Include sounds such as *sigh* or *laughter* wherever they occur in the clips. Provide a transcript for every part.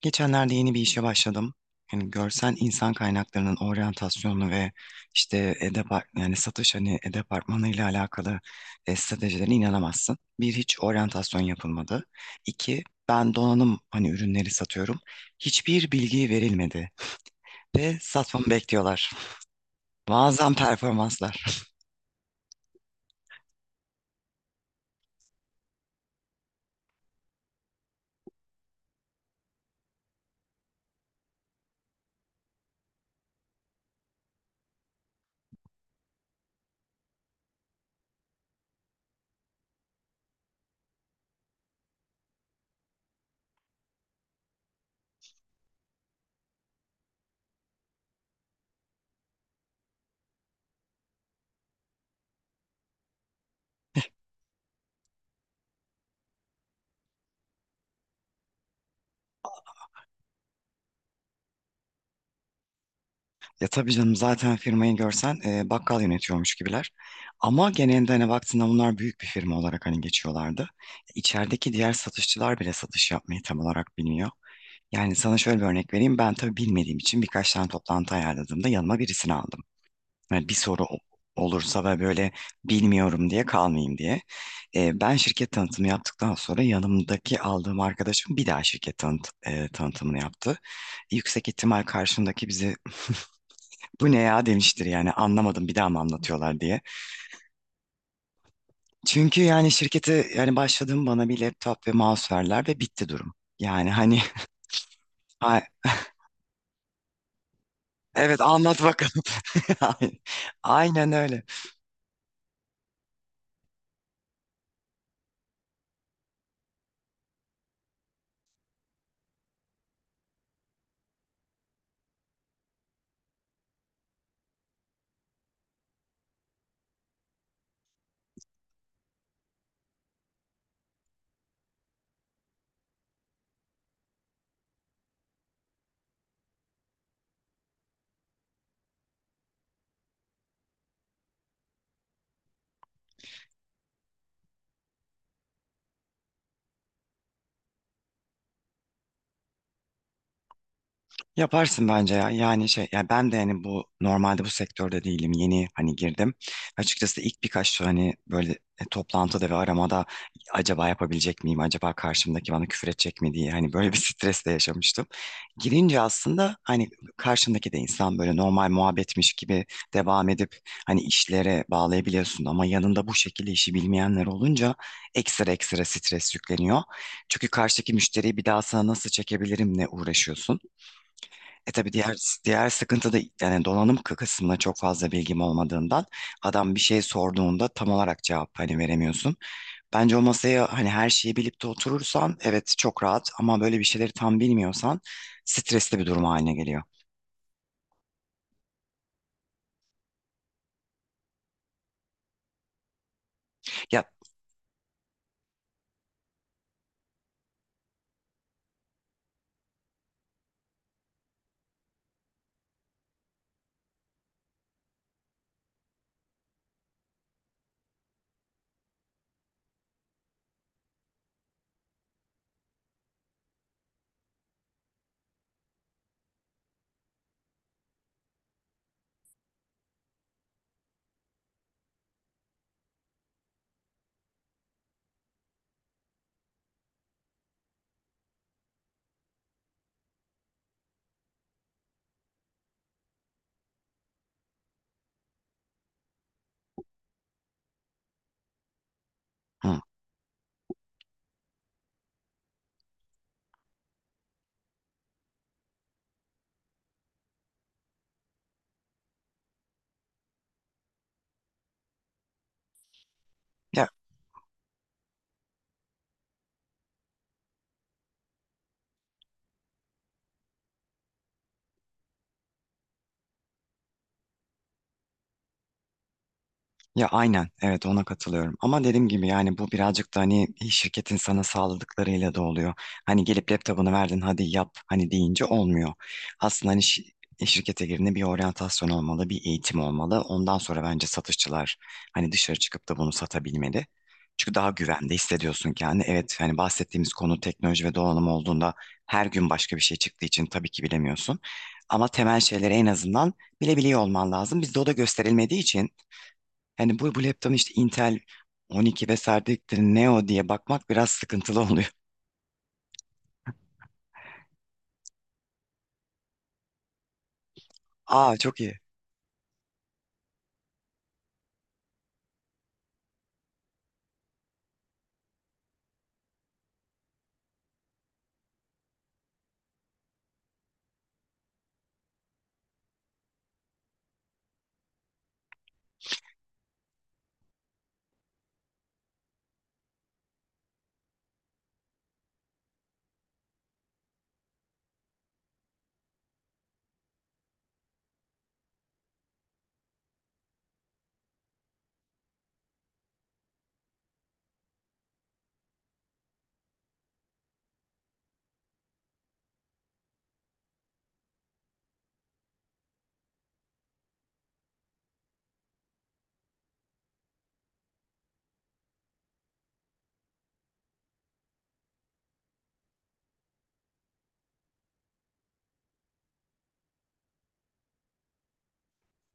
Geçenlerde yeni bir işe başladım. Yani görsel insan kaynaklarının oryantasyonu ve işte edepar yani satış hani e-departmanı ile alakalı stratejilerine inanamazsın. Bir hiç oryantasyon yapılmadı. İki ben donanım hani ürünleri satıyorum. Hiçbir bilgi verilmedi ve satmamı bekliyorlar. Muazzam performanslar. Ya tabii canım zaten firmayı görsen bakkal yönetiyormuş gibiler. Ama genelde hani baktığında bunlar büyük bir firma olarak hani geçiyorlardı. İçerideki diğer satışçılar bile satış yapmayı tam olarak bilmiyor. Yani sana şöyle bir örnek vereyim. Ben tabii bilmediğim için birkaç tane toplantı ayarladığımda yanıma birisini aldım. Yani bir soru olursa ve böyle bilmiyorum diye kalmayayım diye. Ben şirket tanıtımı yaptıktan sonra yanımdaki aldığım arkadaşım bir daha şirket tanıtımını yaptı. Yüksek ihtimal karşımdaki bizi bu ne ya demiştir yani anlamadım bir daha mı anlatıyorlar diye. Çünkü yani şirkete yani başladığım bana bir laptop ve mouse verdiler ve bitti durum. Yani hani *laughs* a- evet anlat bakalım. *laughs* Aynen öyle. Yaparsın bence ya. Yani şey ya ben de yani bu normalde bu sektörde değilim. Yeni hani girdim. Açıkçası ilk birkaç hani böyle toplantıda ve aramada acaba yapabilecek miyim? Acaba karşımdaki bana küfür edecek mi diye hani böyle *laughs* bir stres de yaşamıştım. Girince aslında hani karşımdaki de insan böyle normal muhabbetmiş gibi devam edip hani işlere bağlayabiliyorsun ama yanında bu şekilde işi bilmeyenler olunca ekstra ekstra stres yükleniyor. Çünkü karşıdaki müşteriyi bir daha sana nasıl çekebilirim ne uğraşıyorsun. E tabii diğer sıkıntı da yani donanım kısmına çok fazla bilgim olmadığından adam bir şey sorduğunda tam olarak cevap hani veremiyorsun. Bence o masaya hani her şeyi bilip de oturursan evet çok rahat ama böyle bir şeyleri tam bilmiyorsan stresli bir durum haline geliyor. Ya, hı. Ya Ya aynen evet ona katılıyorum ama dediğim gibi yani bu birazcık da hani şirketin sana sağladıklarıyla da oluyor. Hani gelip laptopunu verdin hadi yap hani deyince olmuyor. Aslında hani şirkete girdiğinde bir oryantasyon olmalı bir eğitim olmalı. Ondan sonra bence satışçılar hani dışarı çıkıp da bunu satabilmeli. Çünkü daha güvende hissediyorsun kendini. Evet hani bahsettiğimiz konu teknoloji ve donanım olduğunda her gün başka bir şey çıktığı için tabii ki bilemiyorsun. Ama temel şeyleri en azından bilebiliyor olman lazım. Bizde o da gösterilmediği için hani bu laptopun işte Intel 12 vesaire dedikleri Neo diye bakmak biraz sıkıntılı oluyor. *laughs* Aa, çok iyi.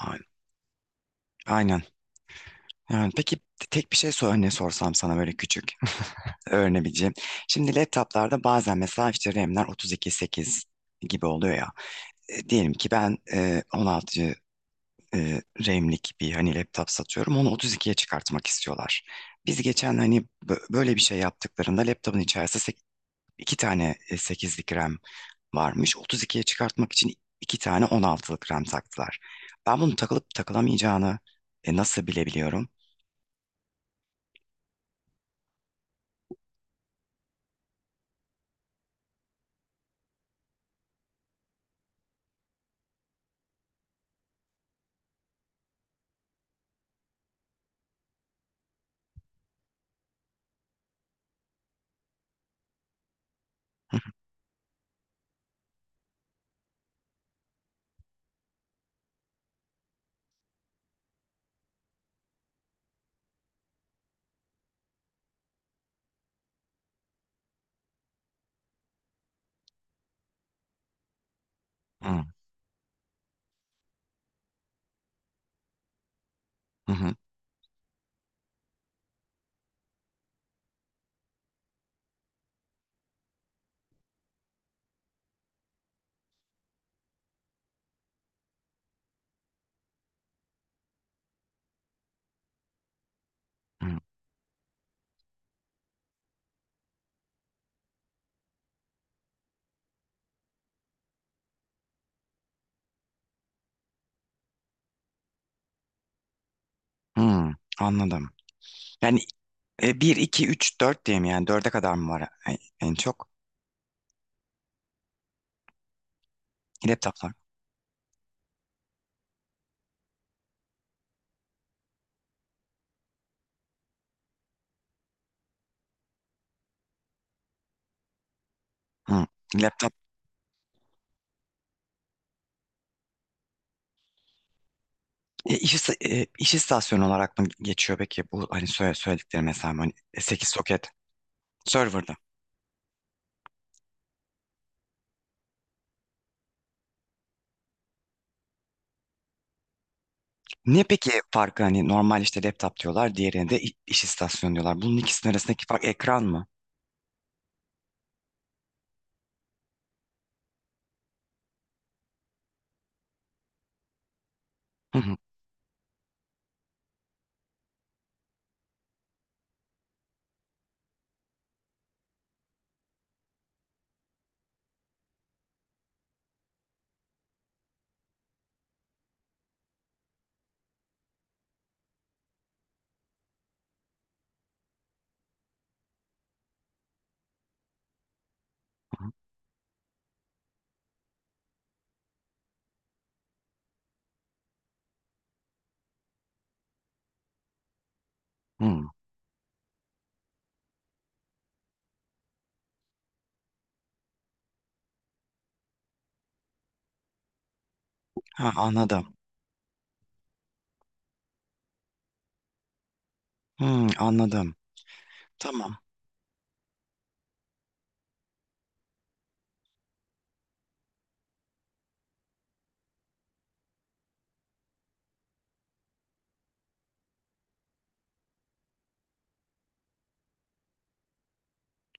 A- Aynen. Yani peki tek bir şey sor, örneği sorsam sana böyle küçük *laughs* öğrenebileceğim. Şimdi laptoplarda bazen mesela işte RAM'ler 32.8 gibi oluyor ya. Diyelim ki ben 16 e, RAM'lik bir hani laptop satıyorum. Onu 32'ye çıkartmak istiyorlar. Biz geçen hani böyle bir şey yaptıklarında laptopun içerisinde iki tane 8'lik RAM varmış. 32'ye çıkartmak için iki tane 16'lık rem taktılar. Ben bunun takılıp takılamayacağını nasıl bilebiliyorum? Hı, hı, hı, hı, hı. Anladım. Yani 1, 2, 3, 4 diye mi yani? Dörde kadar mı var en çok? Laptoplar. Hı. Laptop. İş istasyonu olarak mı geçiyor peki? Bu hani söyledikleri mesela hani 8 soket serverda. Ne peki farkı hani normal işte laptop diyorlar diğerine de iş istasyonu diyorlar. Bunun ikisinin arasındaki fark ekran mı? Hı hı hı. Hı. Ha, anladım. Hı, anladım. Tamam.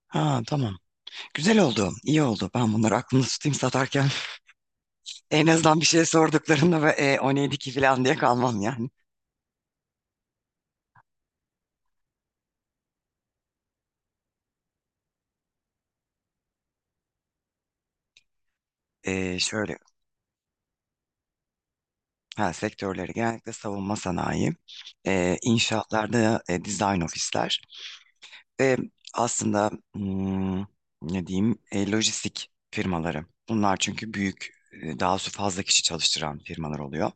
Ha, tamam. Güzel oldu. İyi oldu. Ben bunları aklımda tutayım satarken. *laughs* En azından bir şey sorduklarında ve o neydi ki falan diye kalmam yani. Şöyle ha, sektörleri genellikle savunma sanayi, inşaatlarda design ofisler, E, aslında ne diyeyim lojistik firmaları. Bunlar çünkü büyük daha su fazla kişi çalıştıran firmalar oluyor.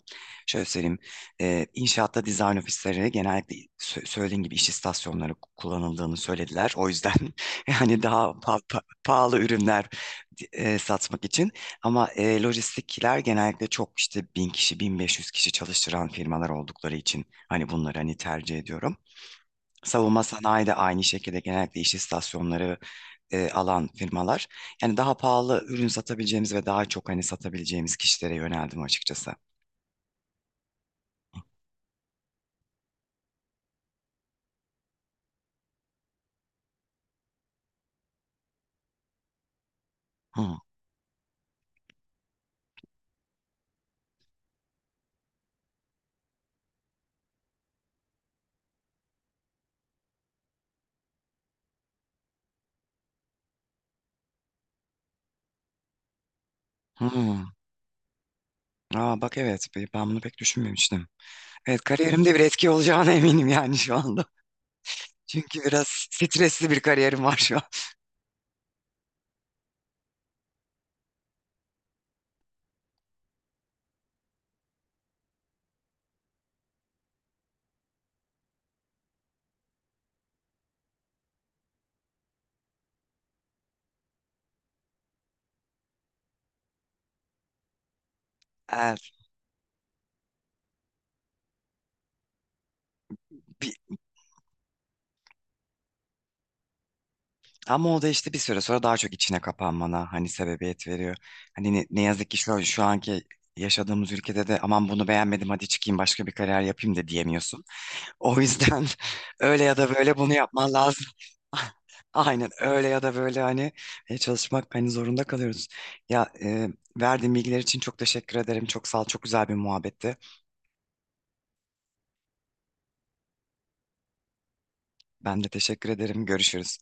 Şöyle söyleyeyim inşaatta dizayn ofisleri genellikle söylediğin gibi iş istasyonları kullanıldığını söylediler. O yüzden *laughs* yani daha pahalı ürünler satmak için. Ama lojistikler genellikle çok işte bin kişi 1500 kişi çalıştıran firmalar oldukları için hani bunları hani tercih ediyorum. Savunma sanayi de aynı şekilde genellikle iş istasyonları alan firmalar. Yani daha pahalı ürün satabileceğimiz ve daha çok hani satabileceğimiz kişilere yöneldim açıkçası. Hı. Hı. Aa, bak evet ben bunu pek düşünmemiştim. Evet, kariyerimde bir etki olacağına *laughs* eminim yani şu anda. Çünkü biraz stresli bir kariyerim var şu an. Evet, bir- ama o da işte bir süre sonra daha çok içine kapanmana hani sebebiyet veriyor. Hani ne yazık ki şu anki yaşadığımız ülkede de aman bunu beğenmedim hadi çıkayım başka bir kariyer yapayım da diyemiyorsun. O yüzden *laughs* öyle ya da böyle bunu yapman lazım. *laughs* Aynen, öyle ya da böyle hani çalışmak hani zorunda kalıyoruz. Ya verdiğin bilgiler için çok teşekkür ederim. Çok sağ ol. Çok güzel bir muhabbetti. Ben de teşekkür ederim. Görüşürüz.